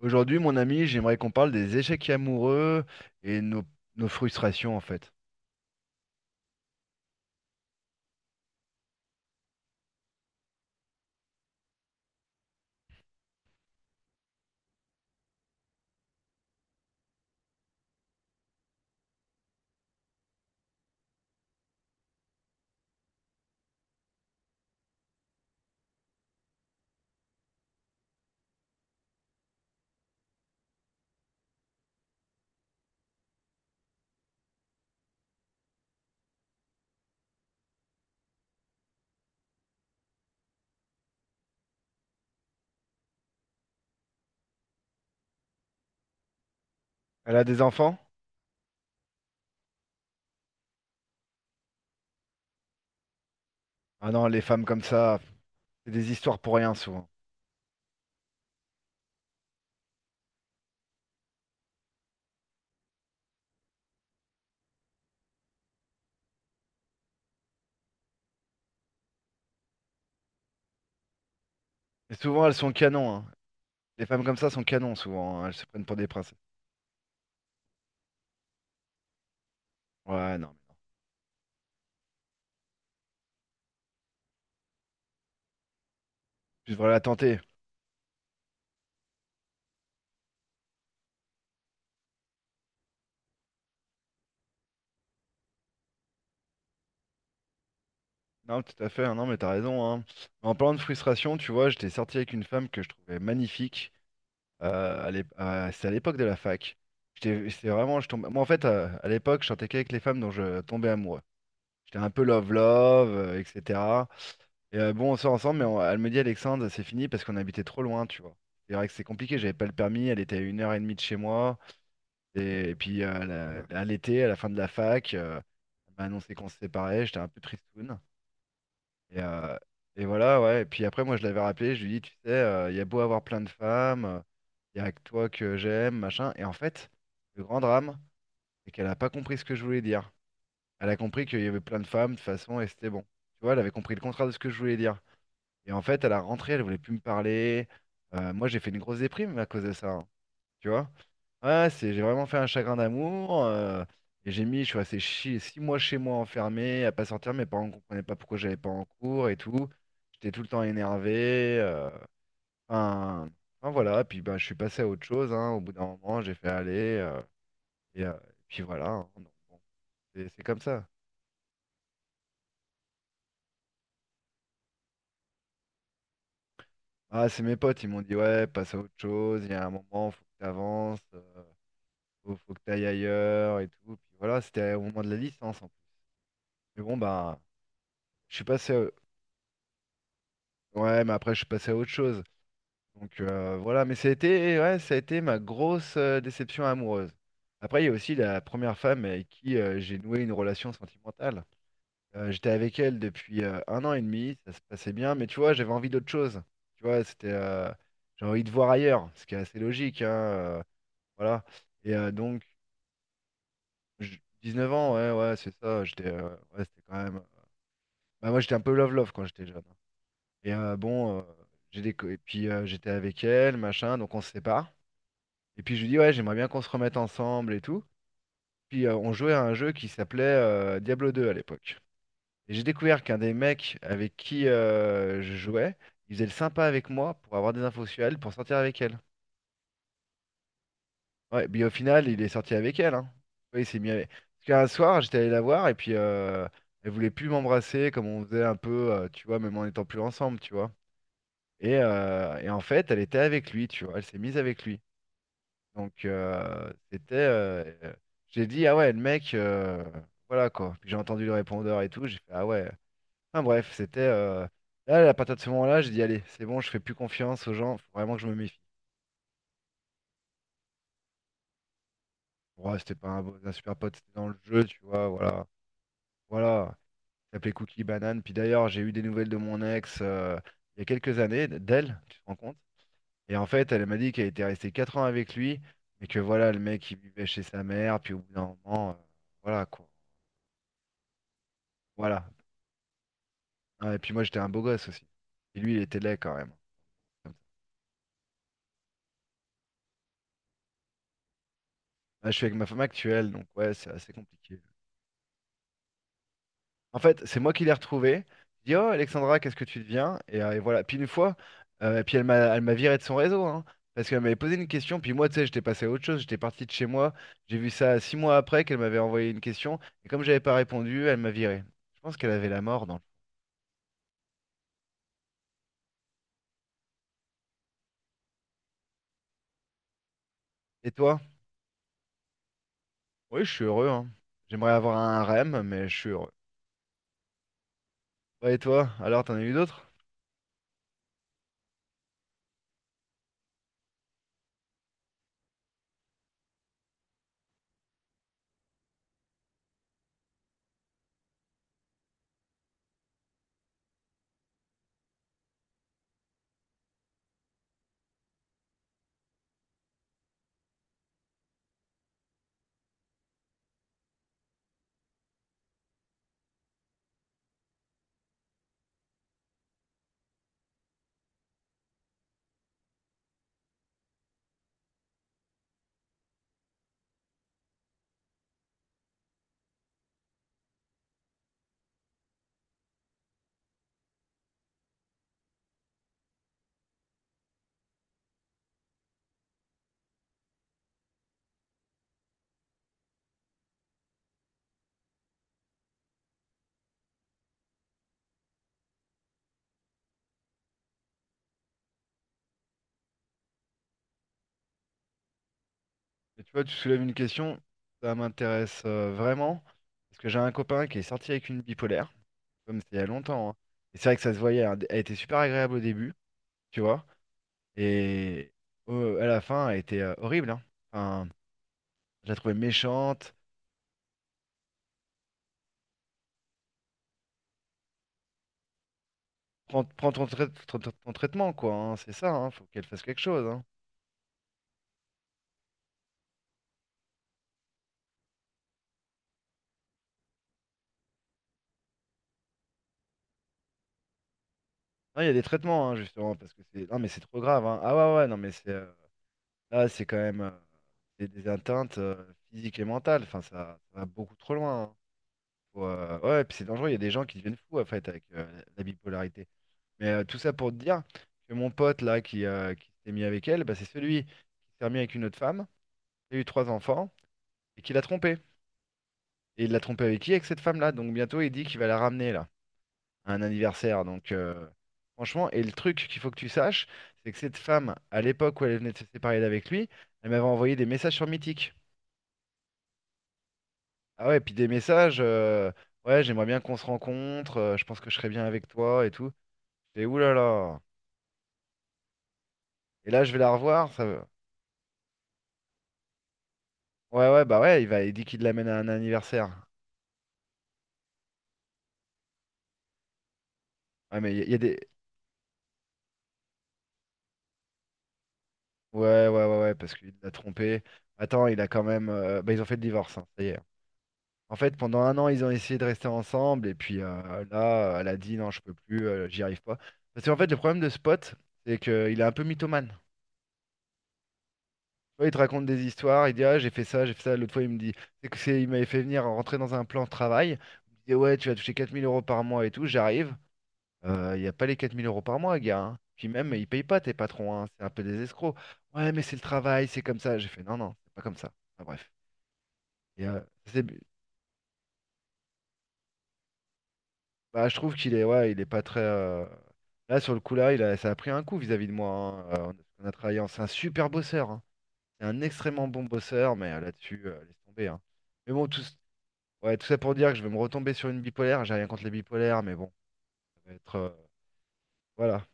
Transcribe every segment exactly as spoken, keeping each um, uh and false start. Aujourd'hui, mon ami, j'aimerais qu'on parle des échecs amoureux et nos, nos frustrations, en fait. Elle a des enfants? Ah non, les femmes comme ça, c'est des histoires pour rien, souvent. Et souvent, elles sont canons, hein. Les femmes comme ça sont canons, souvent, hein. Elles se prennent pour des princesses. Ouais, non, mais non. Tu devrais la tenter. Non, tout à fait, hein, non, mais t'as raison, hein. Mais en parlant de frustration, tu vois, j'étais sorti avec une femme que je trouvais magnifique. Euh, à l'ép- à- c'était à l'époque de la fac. J'étais, c'était vraiment, je tombais... Moi, en fait, euh, à l'époque, je sortais qu'avec les femmes dont je tombais amoureux. J'étais un peu love-love, euh, et cetera. Et euh, bon, on sort ensemble, mais on- elle me dit, Alexandre, c'est fini parce qu'on habitait trop loin, tu vois. C'est vrai que c'est compliqué, j'avais pas le permis, elle était à une heure et demie de chez moi. Et, et puis, euh, la- à l'été, à la fin de la fac, euh, elle m'a annoncé qu'on se séparait, j'étais un peu tristoun. Et, euh, et voilà, ouais. Et puis après, moi, je l'avais rappelé, je lui ai dit, tu sais, euh, il y a beau avoir plein de femmes, il y a que toi que j'aime, machin. Et en fait, le grand drame, c'est qu'elle a pas compris ce que je voulais dire. Elle a compris qu'il y avait plein de femmes, de toute façon, et c'était bon. Tu vois, elle avait compris le contraire de ce que je voulais dire. Et en fait, à la rentrée, elle voulait plus me parler. Euh, moi, j'ai fait une grosse déprime à cause de ça, hein, tu vois? Ouais, c'est, j'ai vraiment fait un chagrin d'amour. Euh, et j'ai mis, je suis resté chi- six mois chez moi enfermé, à pas sortir. Mes parents ne comprenaient pas pourquoi j'allais pas en cours et tout. J'étais tout le temps énervé. euh, enfin, enfin, voilà. Puis ben, je suis passé à autre chose, hein. Au bout d'un moment, j'ai fait aller. euh, et, euh, et puis voilà, hein. Donc, bon, c'est c'est comme ça. Ah, c'est mes potes, ils m'ont dit, ouais, passe à autre chose, il y a un moment, faut que tu avances, faut, faut que tu ailles ailleurs et tout. Puis voilà, c'était au moment de la licence en plus. Mais bon, bah, je suis passé à... Ouais, mais après, je suis passé à autre chose. Donc, euh, voilà, mais ça a été, ouais, ça a été ma grosse euh, déception amoureuse. Après, il y a aussi la première femme avec qui euh, j'ai noué une relation sentimentale. Euh, j'étais avec elle depuis euh, un an et demi, ça se passait bien, mais tu vois, j'avais envie d'autre chose. Tu vois, c'était, euh, j'ai envie de voir ailleurs, ce qui est assez logique, hein. euh, Voilà. Et euh, donc, j- neuf ans, ouais, ouais, c'est ça. J'étais, euh, ouais, c'était quand même. Bah, moi, j'étais un peu love-love quand j'étais jeune, hein. Et euh, bon, euh, j'ai des... co- Et puis euh, j'étais avec elle, machin, donc on se sépare. Et puis je lui dis, ouais, j'aimerais bien qu'on se remette ensemble et tout. Puis euh, on jouait à un jeu qui s'appelait euh, Diablo deux à l'époque. Et j'ai découvert qu'un des mecs avec qui euh, je jouais, il faisait le sympa avec moi pour avoir des infos sur elle, pour sortir avec elle. Ouais, puis au final, il est sorti avec elle, hein. Oui, il s'est mis avec. Parce qu'un soir, j'étais allé la voir et puis euh, elle voulait plus m'embrasser comme on faisait un peu, euh, tu vois, même en étant plus ensemble, tu vois. Et, euh, et en fait, elle était avec lui, tu vois. Elle s'est mise avec lui. Donc, euh, c'était, euh, j'ai dit ah ouais, le mec, euh, voilà quoi. Puis j'ai entendu le répondeur et tout. J'ai fait ah ouais. Enfin bref, c'était. Euh, Là, à partir de ce moment-là, j'ai dit allez, c'est bon, je fais plus confiance aux gens. Faut vraiment que je me méfie. Bon, ouais, c'était pas un, beau- un super pote, c'était dans le jeu, tu vois. Voilà, voilà, qui s'appelait Cookie Banane. Puis d'ailleurs, j'ai eu des nouvelles de mon ex euh, il y a quelques années, d'elle, tu te rends compte? Et en fait, elle m'a dit qu'elle était restée quatre ans avec lui, mais que voilà, le mec, il vivait chez sa mère, puis au bout d'un moment, euh, voilà quoi. Voilà. Ah, et puis moi, j'étais un beau gosse aussi. Et lui, il était laid quand même. Comme ça. Là, je suis avec ma femme actuelle, donc ouais, c'est assez compliqué. En fait, c'est moi qui l'ai retrouvée. Je dis, oh Alexandra, qu'est-ce que tu deviens? Et, euh, et voilà. Puis une fois, euh, et puis elle m'a, elle m'a viré de son réseau, hein, parce qu'elle m'avait posé une question. Puis moi, tu sais, j'étais passé à autre chose. J'étais parti de chez moi. J'ai vu ça six mois après qu'elle m'avait envoyé une question. Et comme j'avais pas répondu, elle m'a viré. Je pense qu'elle avait la mort dans le- Et toi? Oui, je suis heureux, hein. J'aimerais avoir un R E M, mais je suis heureux. Ouais, et toi? Alors, t'en as eu d'autres? Et tu vois, tu soulèves une question, ça m'intéresse euh, vraiment, parce que j'ai un copain qui est sorti avec une bipolaire. Comme c'était il y a longtemps, hein. Et c'est vrai que ça se voyait, hein. Elle était super agréable au début, tu vois. Et au- à la fin, elle était euh, horrible, hein. Enfin, je la trouvais méchante. Prends, prends ton, trai- ton- ton- ton traitement, quoi, hein. C'est ça, hein. Faut qu'elle fasse quelque chose, hein. Non, il y a des traitements, hein, justement, parce que c'est. Non, mais c'est trop grave, hein. Ah ouais, ouais, non, mais c'est. Euh, Là, c'est quand même. Euh, C'est des atteintes euh, physiques et mentales. Enfin, ça, ça va beaucoup trop loin, hein. Faut, euh, Ouais, puis c'est dangereux. Il y a des gens qui deviennent fous, en fait, avec euh, la bipolarité. Mais euh, tout ça pour te dire que mon pote là qui, euh, qui s'est mis avec elle, bah, c'est celui qui s'est remis avec une autre femme, qui a eu trois enfants et qui l'a trompé. Et il l'a trompé avec qui? Avec cette femme-là. Donc bientôt il dit qu'il va la ramener là, à un anniversaire. Donc, euh, franchement, et le truc qu'il faut que tu saches, c'est que cette femme, à l'époque où elle venait de se séparer d'avec lui, elle m'avait envoyé des messages sur Mythique. Ah ouais, puis des messages, euh, ouais, j'aimerais bien qu'on se rencontre, euh, je pense que je serais bien avec toi et tout. Et oulala. Et là je vais la revoir, ça. Ouais, ouais, bah ouais, il va, il dit qu'il l'amène à un anniversaire. Ouais, mais il y, a il y a des. Ouais, ouais, ouais, ouais, parce qu'il l'a trompé. Attends, il a quand même. Euh, Bah, ils ont fait le divorce, hein, ça y est. En fait, pendant un an, ils ont essayé de rester ensemble, et puis euh, là, elle a dit non, je peux plus, euh, j'y arrive pas. Parce qu'en fait, le problème de Spot, c'est qu'il est un peu mythomane. Tu vois, il te raconte des histoires, il dit ah, j'ai fait ça, j'ai fait ça. L'autre fois, il me dit, c'est que c'est, il m'avait fait venir rentrer dans un plan de travail. Il me dit ouais, tu vas toucher quatre mille euros par mois et tout, j'arrive. Euh, Il n'y a pas les quatre mille euros par mois, gars, hein. Puis même, ils payent pas tes patrons, hein. C'est un peu des escrocs. Ouais, mais c'est le travail, c'est comme ça. J'ai fait non, non, c'est pas comme ça. Ah, bref. Et, euh, c'est- Bah, je trouve qu'il est, ouais, il est pas très. Euh, Là, sur le coup, là, il a... ça a pris un coup vis-à-vis de moi, hein. Euh, on a on a travaillé. en- C'est un super bosseur, hein. C'est un extrêmement bon bosseur, mais euh, là-dessus, euh, laisse tomber, hein. Mais bon, tout... s- ouais, tout ça pour dire que je vais me retomber sur une bipolaire. J'ai rien contre les bipolaires, mais bon, ça va être. Euh, Voilà.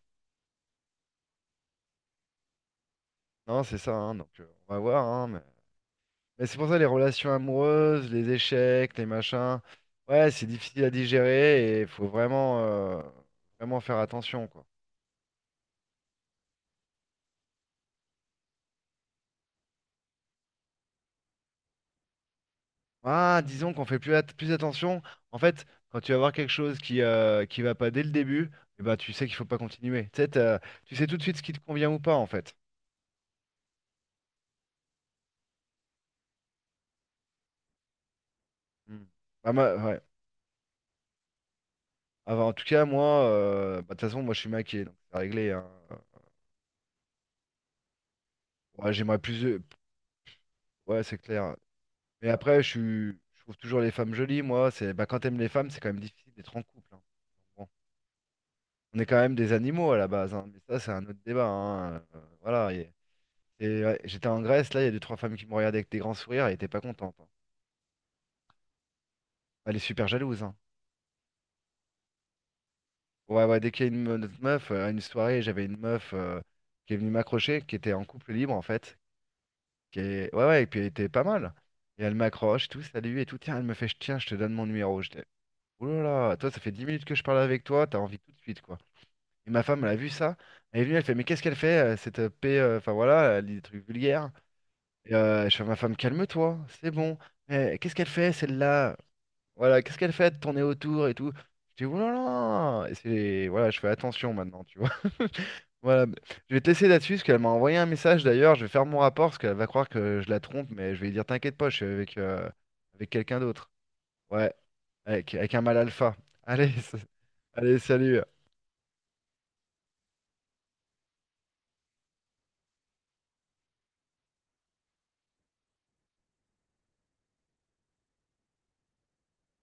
Non, c'est ça, hein. Donc, euh, on va voir, hein. Mais c'est pour ça les relations amoureuses, les échecs, les machins, ouais, c'est difficile à digérer et il faut vraiment, euh, vraiment faire attention, quoi. Ah, disons qu'on fait plus, at- plus attention. En fait, quand tu vas voir quelque chose qui, euh, qui va pas dès le début, eh ben, tu sais qu'il faut pas continuer. Tu sais, t'as- tu sais tout de suite ce qui te convient ou pas, en fait. Hmm. Ah, ma- ouais. Ah, bah, en tout cas, moi, euh, bah, de toute façon, moi, je suis maquillé, donc c'est réglé, hein. Ouais, j'aimerais plus... de- Ouais, c'est clair. Mais après, je, suis- je trouve toujours les femmes jolies, moi. C'est, bah, quand t'aimes les femmes, c'est quand même difficile d'être en couple, hein. Bon, on est quand même des animaux à la base, hein. Mais ça, c'est un autre débat, hein. Euh, voilà. Et- et, ouais, j'étais en Grèce, là, il y a deux, trois femmes qui me regardaient avec des grands sourires, elles étaient pas contentes, hein. Bah, elle est super jalouse, hein. Ouais, ouais, dès qu'il y a une, me- notre meuf, euh, à une soirée, j'avais une meuf euh, qui est venue m'accrocher, qui était en couple libre, en fait. Qui est... Ouais, ouais, et puis elle était pas mal. Et elle m'accroche, tout, salut, et tout. Tiens, elle me fait, tiens, je te donne mon numéro. J'étais, oulala, toi, ça fait dix minutes que je parle avec toi, t'as envie tout de suite, quoi. Et ma femme, elle a vu ça. Elle est venue, elle fait, mais qu'est-ce qu'elle fait, euh, cette euh, paix, euh, enfin voilà, elle dit des trucs vulgaires. Et, euh, je fais, à ma femme, calme-toi, c'est bon. Eh, qu'est-ce qu'elle fait, celle-là? Voilà, qu'est-ce qu'elle fait de tourner autour et tout? Je dis, oulala! Et c'est, voilà, je fais attention maintenant, tu vois. Voilà, mais je vais te laisser là-dessus, parce qu'elle m'a envoyé un message d'ailleurs, je vais faire mon rapport, parce qu'elle va croire que je la trompe, mais je vais lui dire, t'inquiète pas, je suis avec, euh, avec quelqu'un d'autre. Ouais, avec, avec un mâle alpha. Allez, allez, salut.